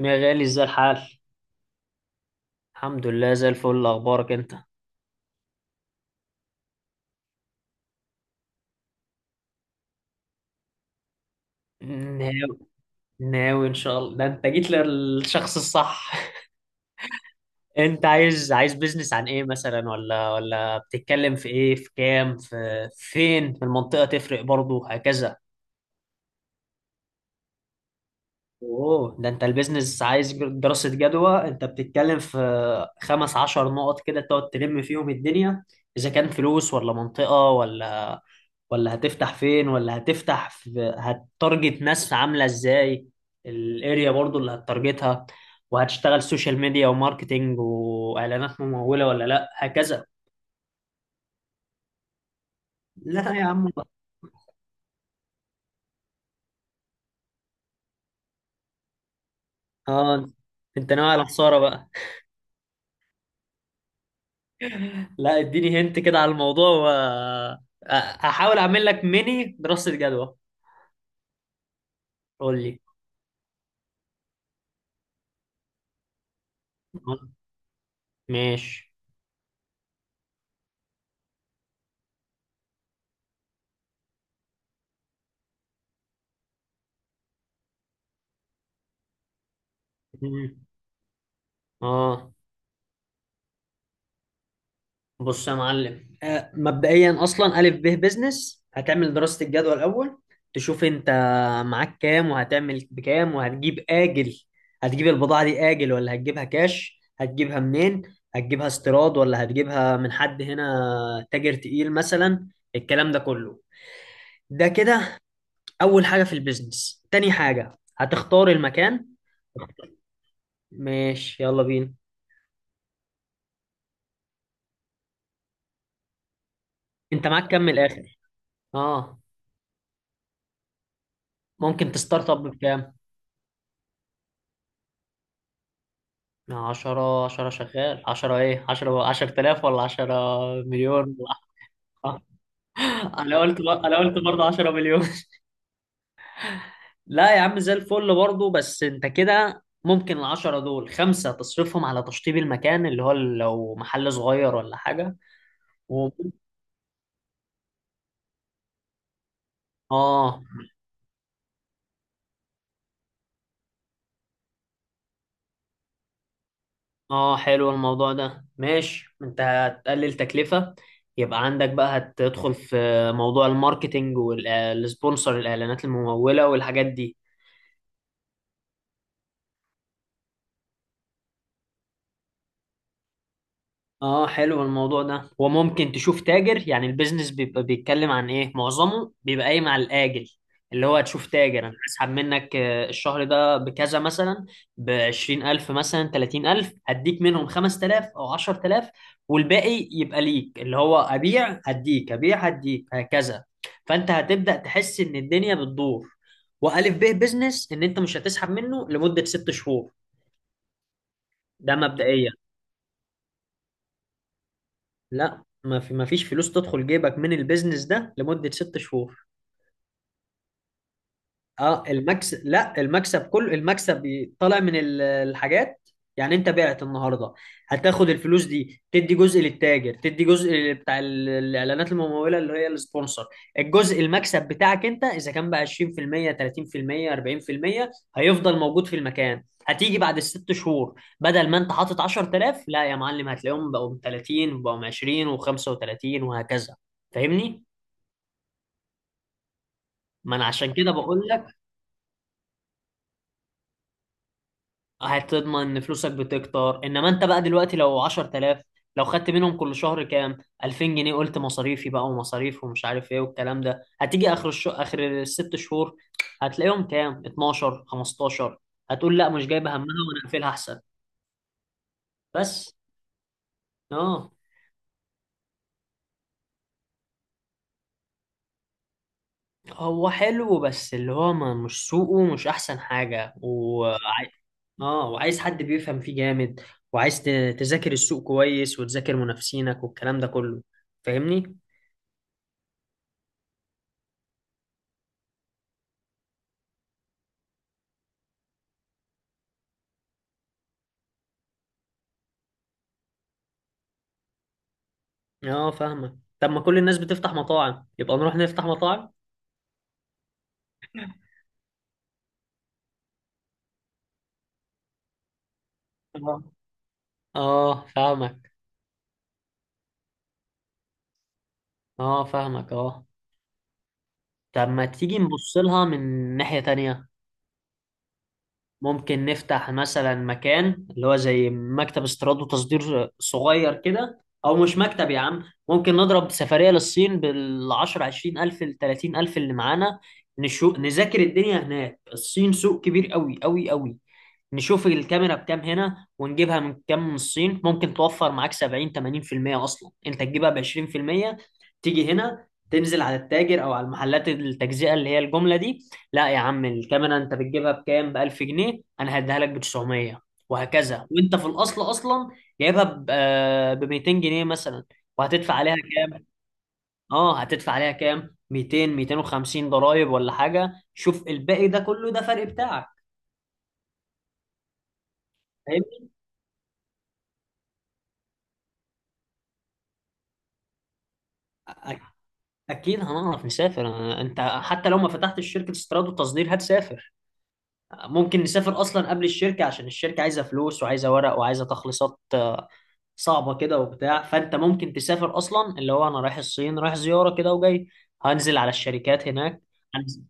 يا غالي، ازاي الحال؟ الحمد لله، زي الفل. اخبارك انت؟ ناوي ناوي ان شاء الله، ده انت جيت للشخص الصح. انت عايز بيزنس عن ايه مثلا؟ ولا بتتكلم في ايه، في كام، في فين؟ في المنطقة تفرق برضو، هكذا. اوه، ده انت البيزنس عايز دراسة جدوى. انت بتتكلم في 15 نقط كده تقعد تلم فيهم الدنيا. اذا كان فلوس، ولا منطقة، ولا هتفتح فين، ولا هتفتح في هتارجت ناس عامله ازاي، الاريا برضو اللي هتارجتها، وهتشتغل سوشيال ميديا وماركتينج واعلانات مموله ولا لا، هكذا. لا يا عم. اه، انت ناوي على خساره بقى. لا، اديني هنت كده على الموضوع أ- هحاول اعمل لك ميني دراسه جدوى. قول لي. ماشي. مم. اه، بص يا معلم. مبدئيا اصلا الف ب بزنس هتعمل دراسه الجدوى الاول. تشوف انت معاك كام، وهتعمل بكام، وهتجيب اجل. هتجيب البضاعه دي اجل ولا هتجيبها كاش؟ هتجيبها منين؟ هتجيبها استيراد ولا هتجيبها من حد هنا، تاجر تقيل مثلا؟ الكلام ده كله ده كده اول حاجه في البيزنس. تاني حاجه هتختار المكان. ماشي، يلا بينا. انت معاك كام من الاخر؟ اه، ممكن تستارت اب بكام؟ عشرة؟ عشرة شغال. عشرة ايه؟ عشرة، عشرة آلاف ولا عشرة مليون؟ انا قلت برضه عشرة مليون. لا يا عم، زي الفل برضه. بس انت كده ممكن العشرة دول خمسة تصرفهم على تشطيب المكان، اللي هو لو محل صغير ولا حاجة و... اه. اه حلو الموضوع ده، ماشي. انت هتقلل تكلفة، يبقى عندك بقى هتدخل في موضوع الماركتينج والسبونسر، الاعلانات الممولة والحاجات دي. اه حلو الموضوع ده. وممكن تشوف تاجر. يعني البيزنس بيبقى بيتكلم عن ايه، معظمه بيبقى قايم على الاجل، اللي هو تشوف تاجر. انا هسحب منك الشهر ده بكذا مثلا، بـ 20,000 مثلا، 30,000. هديك منهم 5,000 او 10,000، والباقي يبقى ليك، اللي هو ابيع هديك، ابيع هديك، هكذا. فانت هتبدأ تحس ان الدنيا بتدور. والف ب بيزنس ان انت مش هتسحب منه لمدة 6 شهور. ده مبدئيا. لا، ما فيش فلوس تدخل جيبك من البيزنس ده لمدة ست شهور. اه المكسب، لا المكسب كله، طالع من الحاجات. يعني انت بعت النهارده، هتاخد الفلوس دي تدي جزء للتاجر، تدي جزء بتاع الاعلانات الممولة اللي هي السبونسر. الجزء المكسب بتاعك انت اذا كان بقى 20%، 30%، 40% هيفضل موجود في المكان، هتيجي بعد الست شهور بدل ما انت حاطط 10,000، لا يا معلم هتلاقيهم بقوا 30، وبقوا 20 و35، وهكذا. فاهمني؟ ما انا عشان كده بقول. هتضمن ان فلوسك بتكتر. انما انت بقى دلوقتي لو 10,000، لو خدت منهم كل شهر كام، 2000 جنيه، قلت مصاريفي بقى ومصاريف ومش عارف ايه والكلام ده، هتيجي اخر الست شهور، هتلاقيهم كام، 12، 15. هتقول لا مش جايبه همها وانا اقفلها احسن. بس. اه. هو حلو، بس اللي هو ما مش سوقه مش احسن حاجه و... اه. وعايز حد بيفهم فيه جامد، وعايز تذاكر السوق كويس، وتذاكر منافسينك والكلام ده كله. فاهمني؟ اه، فاهمك. طب ما كل الناس بتفتح مطاعم، يبقى نروح نفتح مطاعم. اه اه، فاهمك. اه، فاهمك. اه، طب ما تيجي نبص لها من ناحية تانية. ممكن نفتح مثلا مكان اللي هو زي مكتب استيراد وتصدير صغير كده، او مش مكتب يا عم. ممكن نضرب سفرية للصين بالعشر عشرين الف لتلاتين الف اللي معانا. نذاكر الدنيا هناك. الصين سوق كبير قوي قوي قوي. نشوف الكاميرا بكام هنا، ونجيبها من كام من الصين. ممكن توفر معاك 70 80%. اصلا انت تجيبها ب 20%، تيجي هنا تنزل على التاجر او على المحلات التجزئه اللي هي الجمله دي. لا يا عم، الكاميرا انت بتجيبها بكام، ب 1000 جنيه، انا هديها لك ب 900، وهكذا. وانت في الاصل اصلا جايبها ب 200 جنيه مثلا. وهتدفع عليها كام؟ اه، هتدفع عليها كام، 200، 250، ضرايب ولا حاجه. شوف الباقي ده كله، ده فرق بتاعك. فاهم؟ اكيد هنعرف نسافر. انت حتى لو ما فتحتش شركه استيراد وتصدير هتسافر. ممكن نسافر اصلا قبل الشركه، عشان الشركه عايزه فلوس، وعايزه ورق، وعايزه تخليصات، صعبه كده وبتاع. فانت ممكن تسافر اصلا، اللي هو انا رايح الصين، رايح زياره كده وجاي، هنزل على الشركات هناك. هنزل.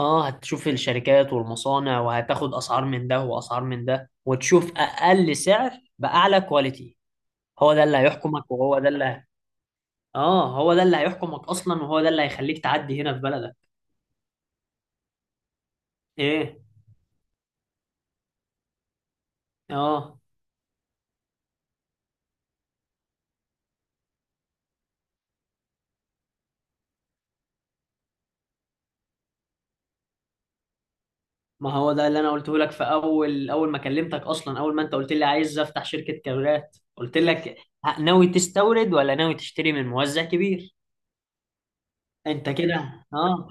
اه، هتشوف الشركات والمصانع، وهتاخد اسعار من ده واسعار من ده، وتشوف اقل سعر باعلى كواليتي. هو ده اللي هيحكمك، وهو ده اللي... اه هو ده اللي هيحكمك اصلا، وهو ده اللي هيخليك تعدي هنا في بلدك. ايه. اه، ما هو ده اللي انا قلته لك في اول ما كلمتك اصلا، اول ما انت قلت لي عايز افتح شركة كاميرات، قلت لك ناوي تستورد ولا ناوي تشتري من موزع كبير؟ انت كده، اه.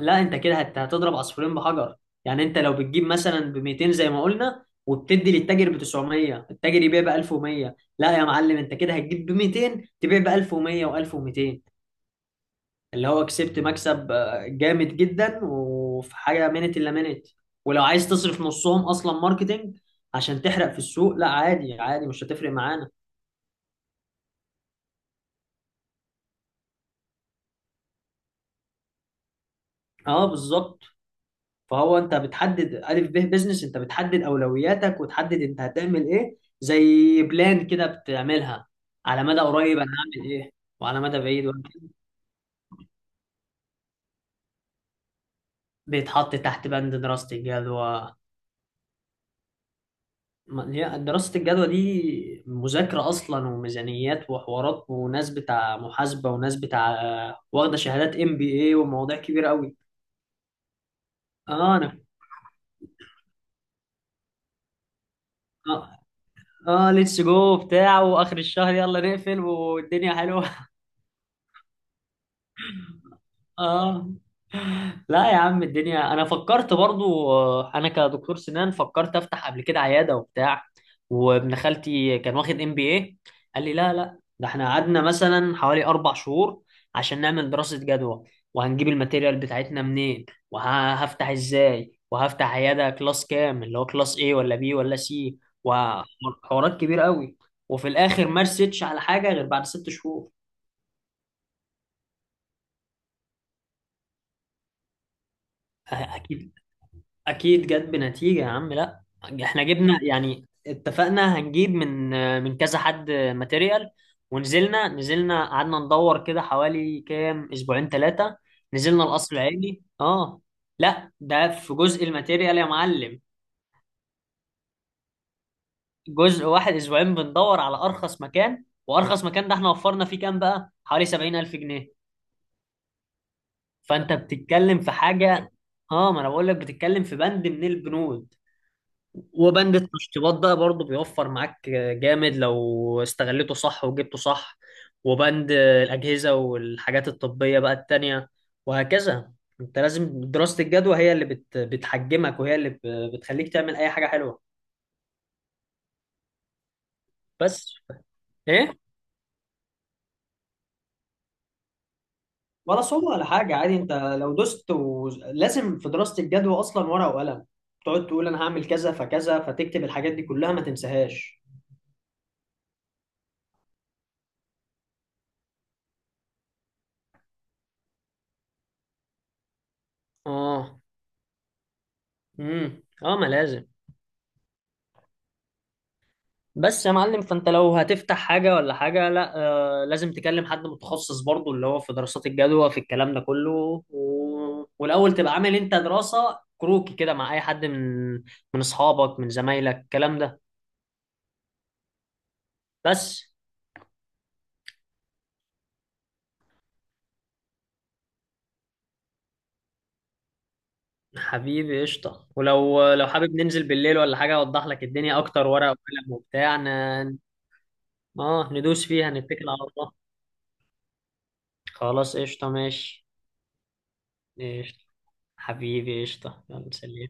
لا انت كده هتضرب عصفورين بحجر. يعني انت لو بتجيب مثلا ب 200 زي ما قلنا، وبتدي للتاجر ب 900، التاجر يبيع ب 1100، لا يا معلم انت كده هتجيب ب 200، تبيع ب 1100 و1200. اللي هو كسبت مكسب جامد جدا، وفي حاجه منت الا منت. ولو عايز تصرف نصهم اصلا ماركتينج عشان تحرق في السوق، لا عادي عادي مش هتفرق معانا. اه بالظبط. فهو انت بتحدد الف ب بزنس، انت بتحدد اولوياتك، وتحدد انت هتعمل ايه. زي بلان كده بتعملها، على مدى قريب انا هعمل ايه، وعلى مدى بعيد وهعمل إيه. بيتحط تحت بند دراسه الجدوى. ما هي دراسة الجدوى دي مذاكرة أصلا، وميزانيات، وحوارات، وناس بتاع محاسبة، وناس بتاع واخدة شهادات ام بي اي، ومواضيع كبيرة قوي. اه. انا اه, ليتس جو بتاع، واخر الشهر يلا نقفل، والدنيا حلوة. اه. لا يا عم الدنيا. انا فكرت برضو، انا كدكتور سنان فكرت افتح قبل كده عياده وبتاع، وابن خالتي كان واخد ام بي اي، قال لي لا لا، ده احنا قعدنا مثلا حوالي 4 شهور عشان نعمل دراسه جدوى، وهنجيب الماتيريال بتاعتنا منين، وهفتح ازاي، وهفتح عياده كلاس كام، اللي هو كلاس ايه، ولا بي ولا سي، وحوارات كبيره قوي. وفي الاخر ما رستش على حاجه غير بعد ست شهور. اكيد. اكيد جت بنتيجة يا عم. لا احنا جبنا، يعني اتفقنا هنجيب من كذا حد ماتيريال، ونزلنا، قعدنا ندور كده حوالي كام، اسبوعين ثلاثة. نزلنا القصر العيني. اه، لا ده في جزء الماتيريال يا معلم. جزء واحد اسبوعين بندور على ارخص مكان، وارخص مكان ده احنا وفرنا فيه كام بقى، حوالي 70,000 جنيه. فانت بتتكلم في حاجة. اه، ما انا بقول لك بتتكلم في بند من البنود. وبند التشطيبات ده برضه بيوفر معاك جامد لو استغلته صح وجبته صح. وبند الأجهزة والحاجات الطبية بقى التانية، وهكذا. انت لازم دراسة الجدوى هي اللي بتحجمك، وهي اللي بتخليك تعمل أي حاجة حلوة. بس. ايه، ولا صعوبة ولا حاجة، عادي. انت لو دست و... لازم في دراسة الجدوى أصلا ورقة وقلم، تقعد تقول أنا هعمل كذا فكذا، فتكتب الحاجات دي كلها ما تنساهاش. اه. امم. اه، ما لازم. بس يا معلم، فانت لو هتفتح حاجة ولا حاجة، لا آه لازم تكلم حد متخصص برضو، اللي هو في دراسات الجدوى في الكلام ده كله و... والأول تبقى عامل انت دراسة كروكي كده مع أي حد من أصحابك، من زمايلك، الكلام ده. بس. حبيبي قشطة. ولو حابب ننزل بالليل ولا حاجة أوضح لك الدنيا أكتر، ورقة وقلم وبتاع اه ندوس فيها، نتكل على الله. خلاص قشطة. ماشي. قشطة حبيبي قشطة. يلا سلام.